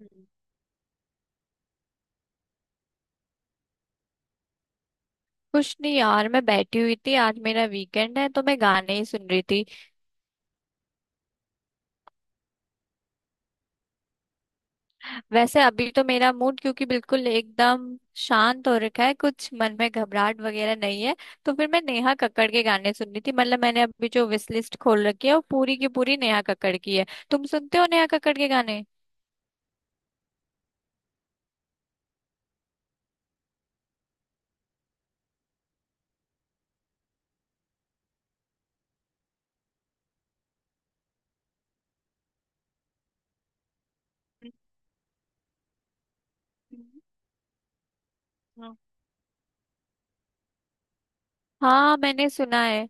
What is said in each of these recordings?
हम्म। कुछ नहीं यार, मैं बैठी हुई थी। आज मेरा वीकेंड है तो मैं गाने ही सुन रही थी। वैसे अभी तो मेरा मूड क्योंकि बिल्कुल एकदम शांत हो रखा है, कुछ मन में घबराहट वगैरह नहीं है। तो फिर मैं नेहा कक्कड़ के गाने सुन रही थी। मतलब मैंने अभी जो विश लिस्ट खोल रखी है वो पूरी की पूरी नेहा कक्कड़ की है। तुम सुनते हो नेहा कक्कड़ के गाने? हम्म, हाँ। हाँ मैंने सुना है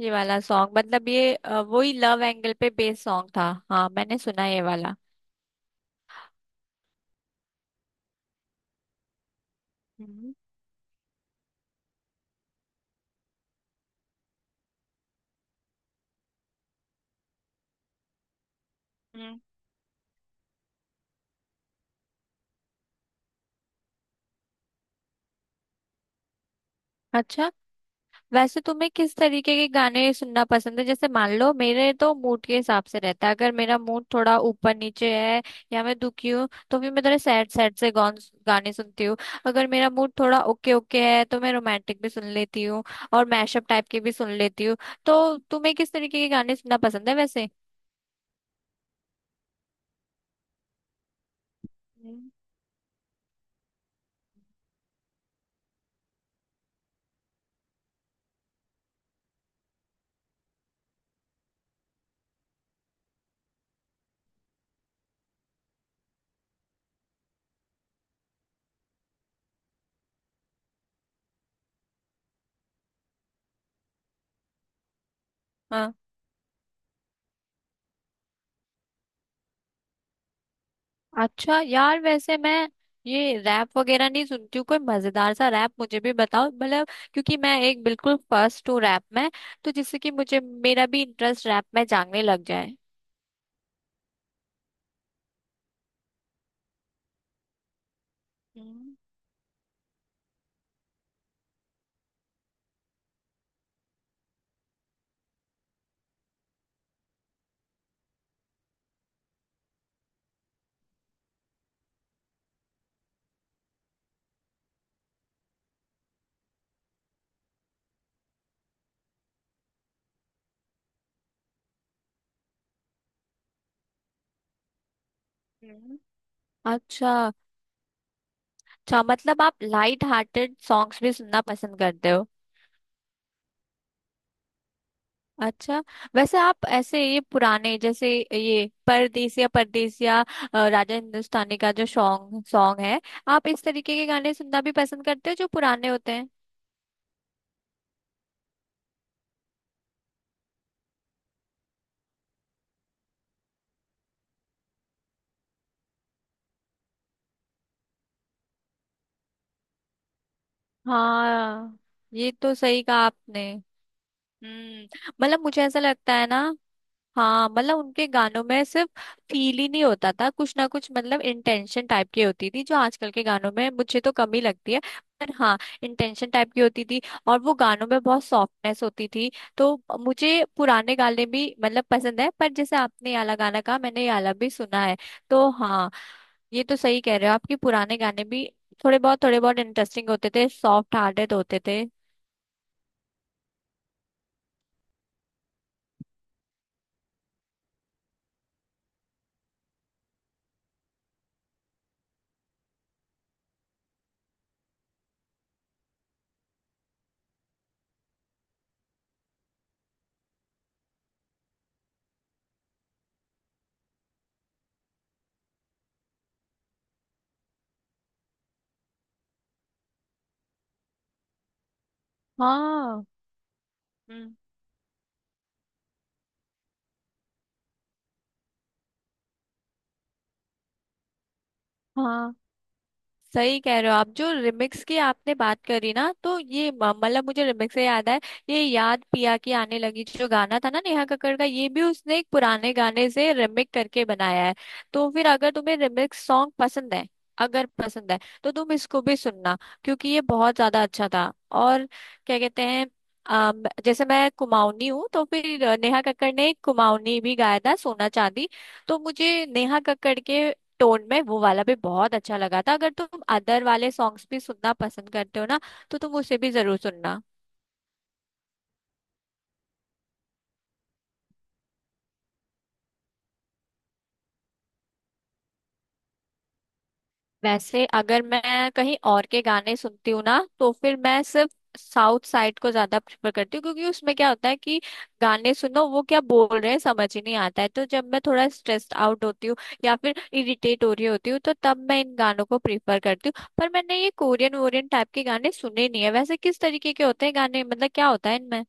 ये वाला सॉन्ग। मतलब ये वही लव एंगल पे बेस्ड सॉन्ग था। हाँ मैंने सुना है ये वाला। हम्म। हम्म। अच्छा, वैसे तुम्हें किस तरीके के गाने सुनना पसंद है? जैसे मान लो मेरे तो मूड के हिसाब से रहता है। अगर मेरा मूड थोड़ा ऊपर नीचे है या मैं दुखी हूँ तो फिर मैं थोड़े सैड सैड से गाने सुनती हूँ। अगर मेरा मूड थोड़ा ओके ओके है तो मैं रोमांटिक भी सुन लेती हूँ और मैशअप टाइप के भी सुन लेती हूँ। तो तुम्हें किस तरीके के गाने सुनना पसंद है वैसे? हम्म। हाँ। अच्छा यार, वैसे मैं ये रैप वगैरह नहीं सुनती हूँ। कोई मजेदार सा रैप मुझे भी बताओ, मतलब क्योंकि मैं एक बिल्कुल फर्स्ट हूँ रैप में। तो जिससे कि मुझे मेरा भी इंटरेस्ट रैप में जागने लग जाए। हम्म। हम्म। अच्छा। अच्छा मतलब आप लाइट हार्टेड सॉन्ग्स भी सुनना पसंद करते हो? अच्छा, वैसे आप ऐसे ये पुराने जैसे ये परदेसिया परदेसिया राजा हिंदुस्तानी का जो सॉन्ग सॉन्ग है, आप इस तरीके के गाने सुनना भी पसंद करते हो जो पुराने होते हैं? हाँ, ये तो सही कहा आपने। हम्म। मतलब मुझे ऐसा लगता है ना, हाँ, मतलब उनके गानों में सिर्फ फील ही नहीं होता था, कुछ ना कुछ मतलब इंटेंशन टाइप की होती थी जो आजकल के गानों में मुझे तो कमी लगती है। पर हाँ, इंटेंशन टाइप की होती थी और वो गानों में बहुत सॉफ्टनेस होती थी। तो मुझे पुराने गाने भी मतलब पसंद है। पर जैसे आपने ये वाला गाना कहा, मैंने ये वाला भी सुना है। तो हाँ, ये तो सही कह रहे हो आपके पुराने गाने भी थोड़े बहुत इंटरेस्टिंग होते थे, सॉफ्ट हार्टेड होते थे। हाँ। हम्म। हाँ सही कह रहे हो आप, जो रिमिक्स की आपने बात करी ना, तो ये मतलब मुझे रिमिक्स से याद है, ये याद पिया की आने लगी जो गाना था ना नेहा कक्कड़ का, ये भी उसने एक पुराने गाने से रिमिक करके बनाया है। तो फिर अगर तुम्हें रिमिक्स सॉन्ग पसंद है, अगर पसंद है तो तुम इसको भी सुनना क्योंकि ये बहुत ज्यादा अच्छा था। और क्या कहते हैं, जैसे मैं कुमाऊनी हूँ तो फिर नेहा कक्कड़ ने एक कुमाऊनी भी गाया था, सोना चांदी। तो मुझे नेहा कक्कड़ के टोन में वो वाला भी बहुत अच्छा लगा था। अगर तुम अदर वाले सॉन्ग्स भी सुनना पसंद करते हो ना, तो तुम उसे भी जरूर सुनना। वैसे अगर मैं कहीं और के गाने सुनती हूँ ना, तो फिर मैं सिर्फ साउथ साइड को ज्यादा प्रेफर करती हूँ क्योंकि उसमें क्या होता है कि गाने सुनो वो क्या बोल रहे हैं समझ ही नहीं आता है। तो जब मैं थोड़ा स्ट्रेस्ड आउट होती हूँ या फिर इरिटेट हो रही होती हूँ तो तब मैं इन गानों को प्रेफर करती हूँ। पर मैंने ये कोरियन वोरियन टाइप के गाने सुने नहीं है। वैसे किस तरीके के होते हैं गाने, मतलब क्या होता है इनमें?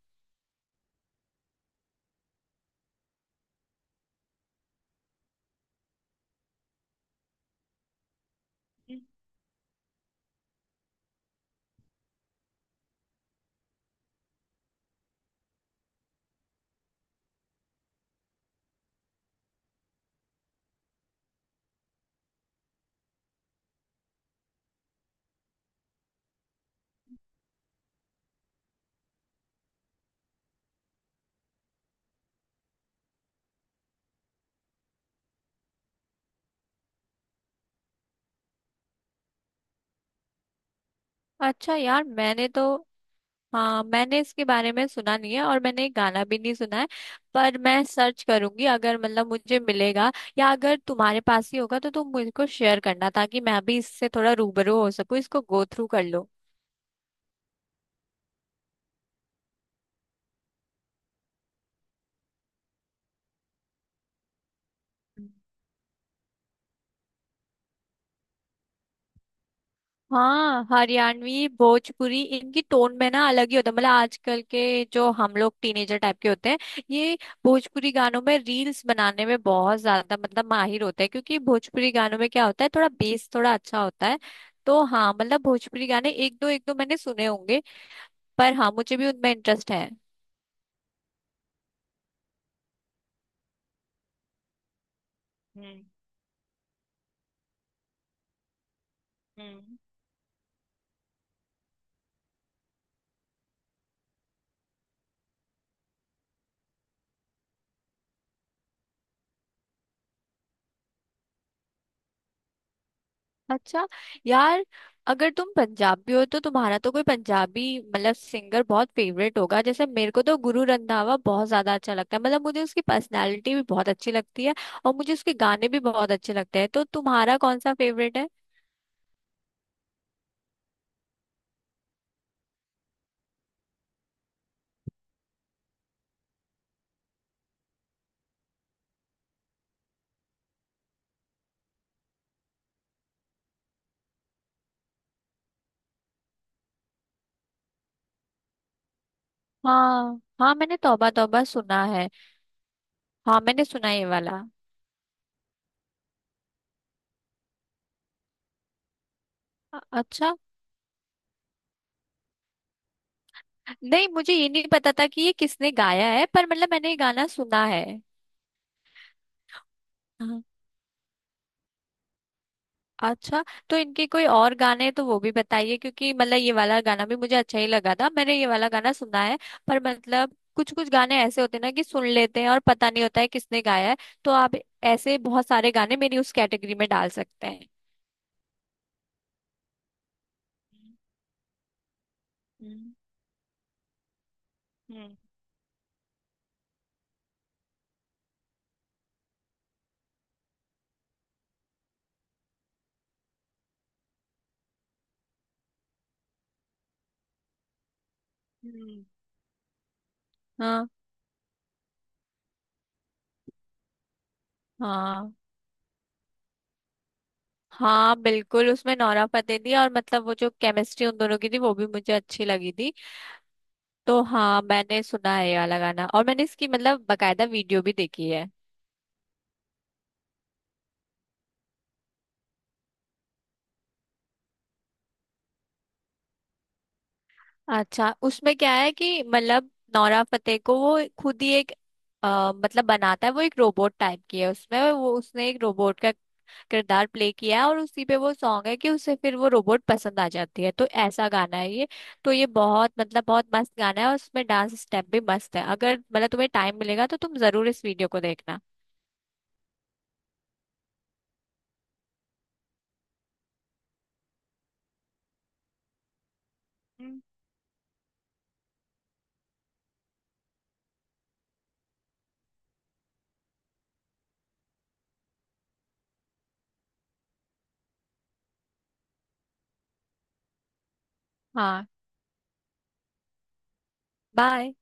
अच्छा यार, मैंने तो, हाँ मैंने इसके बारे में सुना नहीं है और मैंने गाना भी नहीं सुना है। पर मैं सर्च करूंगी अगर मतलब मुझे मिलेगा, या अगर तुम्हारे पास ही होगा तो तुम मुझको शेयर करना ताकि मैं भी इससे थोड़ा रूबरू हो सकूं, इसको गो थ्रू कर लो। हाँ, हरियाणवी भोजपुरी इनकी टोन में ना अलग ही होता है। मतलब आजकल के जो हम लोग टीनेजर टाइप के होते हैं, ये भोजपुरी गानों में रील्स बनाने में बहुत ज्यादा मतलब माहिर होते हैं क्योंकि भोजपुरी गानों में क्या होता है थोड़ा बेस थोड़ा अच्छा होता है। तो हाँ मतलब भोजपुरी गाने एक दो मैंने सुने होंगे। पर हाँ मुझे भी उनमें इंटरेस्ट है। हम्म। अच्छा यार, अगर तुम पंजाबी हो तो तुम्हारा तो कोई पंजाबी मतलब सिंगर बहुत फेवरेट होगा। जैसे मेरे को तो गुरु रंधावा बहुत ज्यादा अच्छा लगता है। मतलब मुझे उसकी पर्सनालिटी भी बहुत अच्छी लगती है और मुझे उसके गाने भी बहुत अच्छे लगते हैं। तो तुम्हारा कौन सा फेवरेट है? हाँ हाँ, मैंने तौबा तौबा सुना है। हाँ मैंने सुना है ये वाला। अच्छा। नहीं मुझे ये नहीं पता था कि ये किसने गाया है, पर मतलब मैंने ये गाना सुना है। अच्छा, तो इनके कोई और गाने हैं तो वो भी बताइए क्योंकि मतलब ये वाला गाना भी मुझे अच्छा ही लगा था, मैंने ये वाला गाना सुना है। पर मतलब कुछ कुछ गाने ऐसे होते हैं ना कि सुन लेते हैं और पता नहीं होता है किसने गाया है। तो आप ऐसे बहुत सारे गाने मेरी उस कैटेगरी में डाल सकते हैं। हम्म। हम्म। हम्म। हाँ। हाँ। हाँ बिल्कुल, उसमें नोरा फतेही थी और मतलब वो जो केमिस्ट्री उन दोनों की थी वो भी मुझे अच्छी लगी थी। तो हाँ मैंने सुना है ये वाला गाना और मैंने इसकी मतलब बकायदा वीडियो भी देखी है। अच्छा उसमें क्या है कि मतलब नोरा फतेही को वो खुद ही एक मतलब बनाता है। वो एक रोबोट टाइप की है उसमें, वो उसने एक रोबोट का किरदार प्ले किया है और उसी पे वो सॉन्ग है कि उसे फिर वो रोबोट पसंद आ जाती है। तो ऐसा गाना है ये। तो ये बहुत मतलब बहुत मस्त गाना है और उसमें डांस स्टेप भी मस्त है। अगर मतलब तुम्हें टाइम मिलेगा तो तुम जरूर इस वीडियो को देखना। हम्म, हाँ बाय।